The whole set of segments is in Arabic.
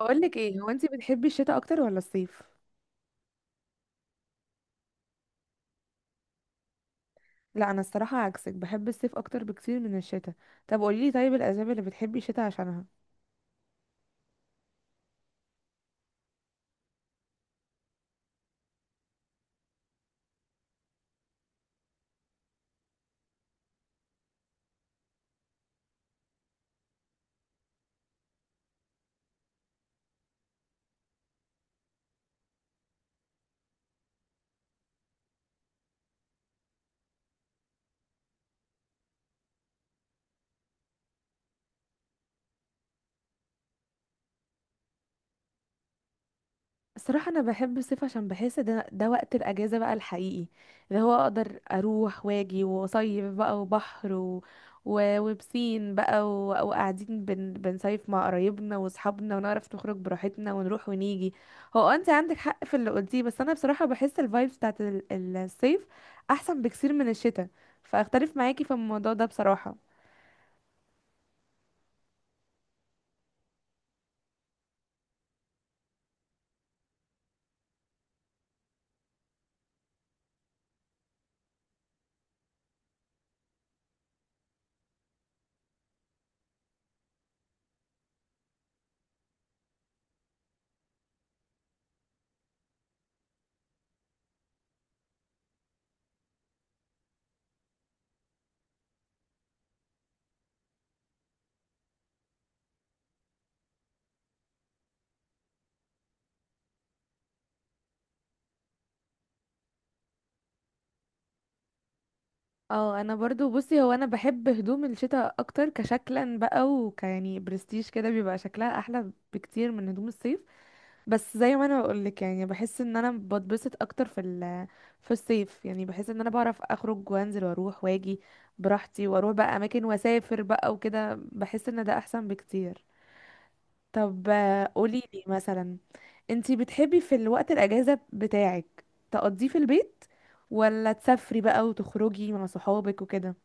بقول لك ايه، هو انت بتحبي الشتاء اكتر ولا الصيف؟ لا انا الصراحه عكسك، بحب الصيف اكتر بكتير من الشتاء. طب قولي لي طيب الاسباب اللي بتحبي الشتاء عشانها. الصراحة أنا بحب الصيف عشان بحس ده وقت الأجازة بقى الحقيقي، اللي هو أقدر أروح وأجي وأصيف بقى، وبحر وبسين بقى، وقاعدين بنصيف مع قرايبنا وأصحابنا، ونعرف نخرج براحتنا ونروح ونيجي. هو أنت عندك حق في اللي قلتيه، بس أنا بصراحة بحس الفايبس بتاعت الصيف أحسن بكثير من الشتاء، فأختلف معاكي في الموضوع ده بصراحة. اه انا برضو بصي، هو انا بحب هدوم الشتاء اكتر كشكلا بقى، يعني برستيج كده، بيبقى شكلها احلى بكتير من هدوم الصيف. بس زي ما انا بقولك، يعني بحس ان انا بتبسط اكتر في الصيف، يعني بحس ان انا بعرف اخرج وانزل واروح واجي براحتي، واروح بقى اماكن واسافر بقى وكده، بحس ان ده احسن بكتير. طب قولي لي مثلا، انتي بتحبي في الوقت الاجازة بتاعك تقضيه في البيت ولا تسافري بقى وتخرجي مع صحابك وكده؟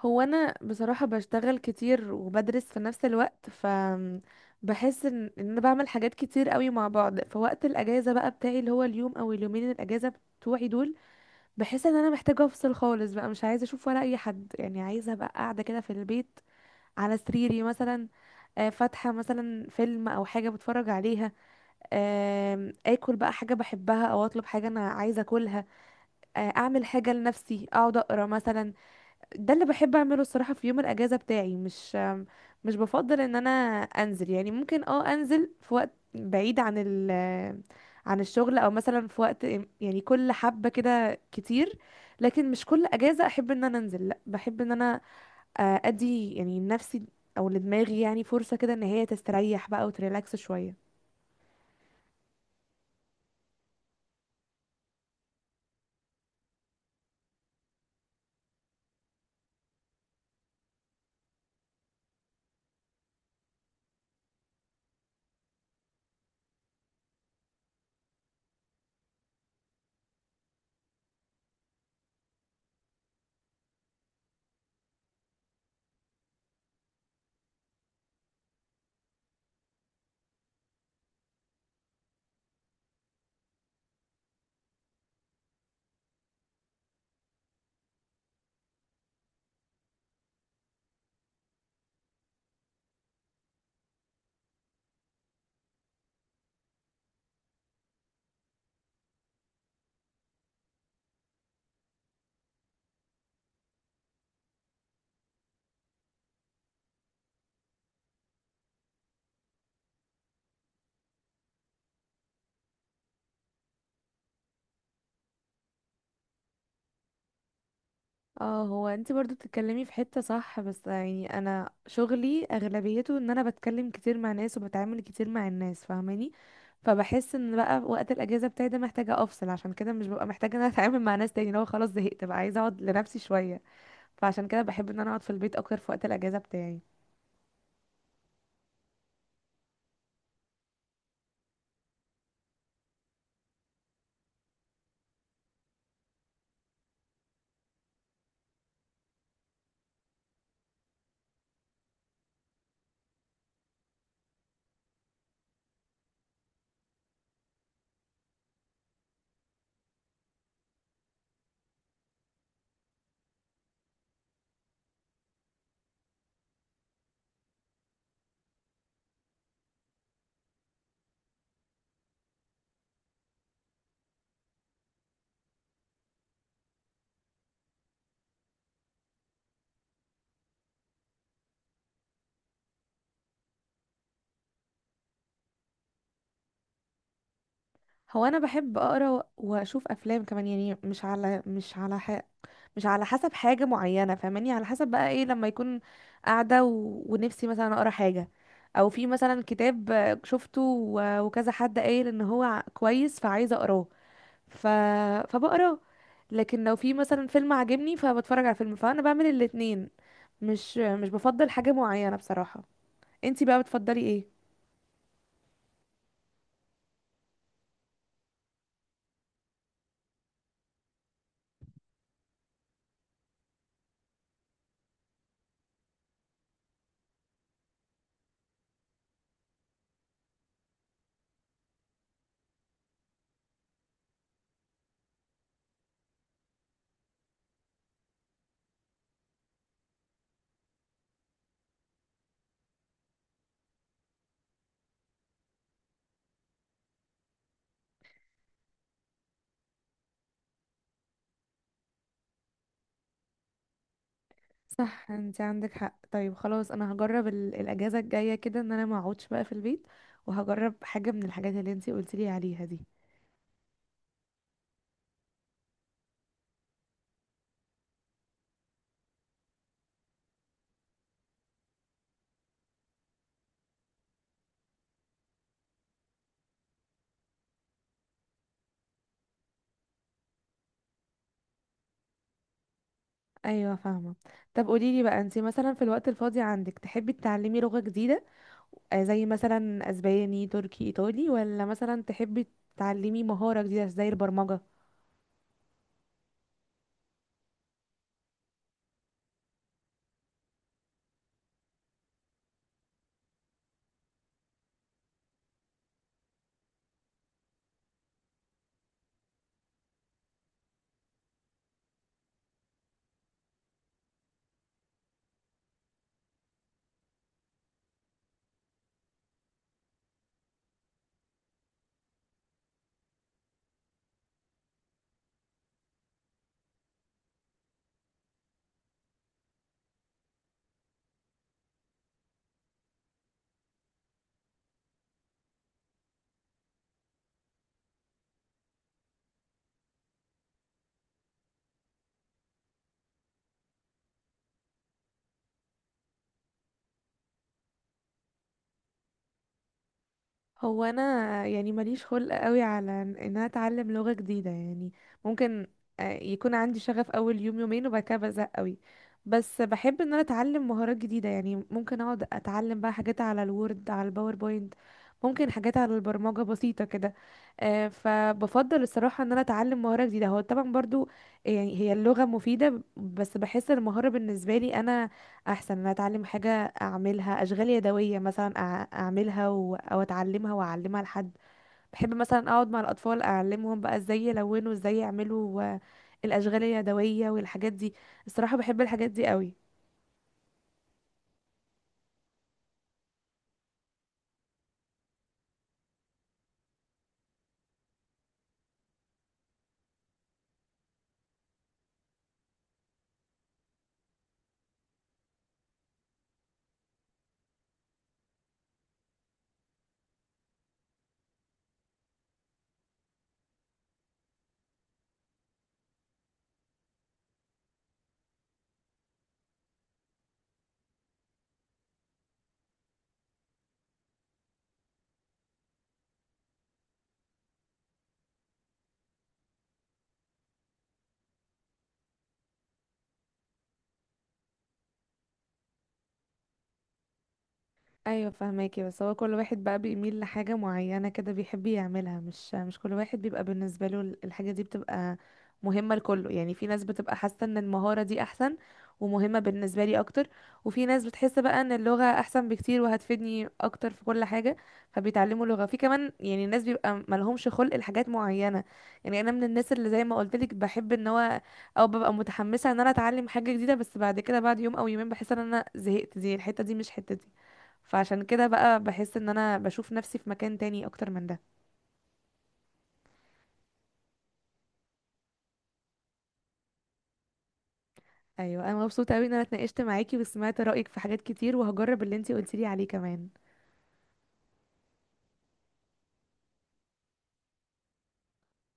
هو انا بصراحة بشتغل كتير وبدرس في نفس الوقت، بحس إن انا بعمل حاجات كتير قوي مع بعض، فوقت الاجازة بقى بتاعي، اللي هو اليوم او اليومين الاجازة بتوعي دول، بحس ان انا محتاجة افصل خالص بقى، مش عايزة اشوف ولا اي حد، يعني عايزة ابقى قاعدة كده في البيت على سريري مثلا، فاتحة مثلا فيلم او حاجة بتفرج عليها، اكل بقى حاجة بحبها او اطلب حاجة انا عايزة اكلها، اعمل حاجة لنفسي، اقعد اقرا مثلا. ده اللي بحب اعمله الصراحه في يوم الاجازه بتاعي، مش بفضل ان انا انزل، يعني ممكن انزل في وقت بعيد عن الشغل، او مثلا في وقت، يعني كل حبه كده كتير. لكن مش كل اجازه احب ان انا انزل، لا بحب ان انا ادي يعني نفسي او لدماغي يعني فرصه كده، ان هي تستريح بقى وتريلاكس شويه. اه هو انت برضو بتتكلمي في حتة صح، بس يعني انا شغلي اغلبيته ان انا بتكلم كتير مع ناس وبتعامل كتير مع الناس، فاهماني. فبحس ان بقى وقت الاجازة بتاعي ده محتاجة افصل، عشان كده مش ببقى محتاجة ان انا اتعامل مع ناس تاني، لو خلاص زهقت بقى عايزة اقعد لنفسي شوية، فعشان كده بحب ان انا اقعد في البيت اكتر في وقت الاجازة بتاعي. هو انا بحب اقرا واشوف افلام كمان، يعني مش على حسب حاجة معينة، فاهماني، على حسب بقى ايه لما يكون، قاعدة ونفسي مثلا اقرا حاجة، او في مثلا كتاب شفته وكذا حد قايل ان هو كويس، فعايزة اقراه، ف... فبقراه. لكن لو في مثلا فيلم عجبني فبتفرج على فيلم، فانا بعمل الاتنين، مش بفضل حاجة معينة بصراحة. انتي بقى بتفضلي ايه؟ صح، انتي عندك حق. طيب خلاص انا هجرب الاجازة الجاية كده ان انا ما اقعدش بقى في البيت، وهجرب حاجة من الحاجات اللي انتي قلتيلي عليها دي. ايوه، فاهمه. طب قولي لي بقى، انت مثلا في الوقت الفاضي عندك تحبي تتعلمي لغه جديده، زي مثلا اسباني تركي ايطالي، ولا مثلا تحبي تتعلمي مهاره جديده زي البرمجه؟ هو انا يعني ماليش خلق قوي على ان انا اتعلم لغة جديدة، يعني ممكن يكون عندي شغف اول يوم يومين وبعد كده بزهق قوي. بس بحب ان انا اتعلم مهارات جديدة، يعني ممكن اقعد اتعلم بقى حاجات على الوورد على الباوربوينت، ممكن حاجات على البرمجة بسيطة كده. فبفضل الصراحة ان انا اتعلم مهارة جديدة، هو طبعا برضو يعني هي اللغة مفيدة، بس بحس المهارة بالنسبة لي انا احسن، ان أنا اتعلم حاجة اعملها، اشغال يدويه مثلا، اعملها او اتعلمها واعلمها لحد. بحب مثلا اقعد مع الاطفال اعلمهم بقى ازاي يلونوا، ازاي يعملوا الاشغال اليدويه والحاجات دي، الصراحه بحب الحاجات دي قوي. ايوه فهماكي، بس هو كل واحد بقى بيميل لحاجة معينة كده بيحب يعملها، مش كل واحد بيبقى بالنسبة له الحاجة دي بتبقى مهمة لكله، يعني في ناس بتبقى حاسة ان المهارة دي احسن ومهمة بالنسبة لي اكتر، وفي ناس بتحس بقى ان اللغة احسن بكتير وهتفيدني اكتر في كل حاجة، فبيتعلموا لغة. في كمان يعني ناس بيبقى ملهمش خلق لحاجات معينة، يعني انا من الناس اللي زي ما قلتلك، بحب ان هو او ببقى متحمسة ان انا اتعلم حاجة جديدة، بس بعد كده بعد يوم او يومين بحس ان انا زهقت، دي الحتة دي مش حتتي، فعشان كده بقى بحس ان انا بشوف نفسي في مكان تاني اكتر من ده. ايوه انا مبسوطه قوي ان انا اتناقشت معاكي وسمعت رايك في حاجات كتير، وهجرب اللي انتي قلتيلي عليه كمان.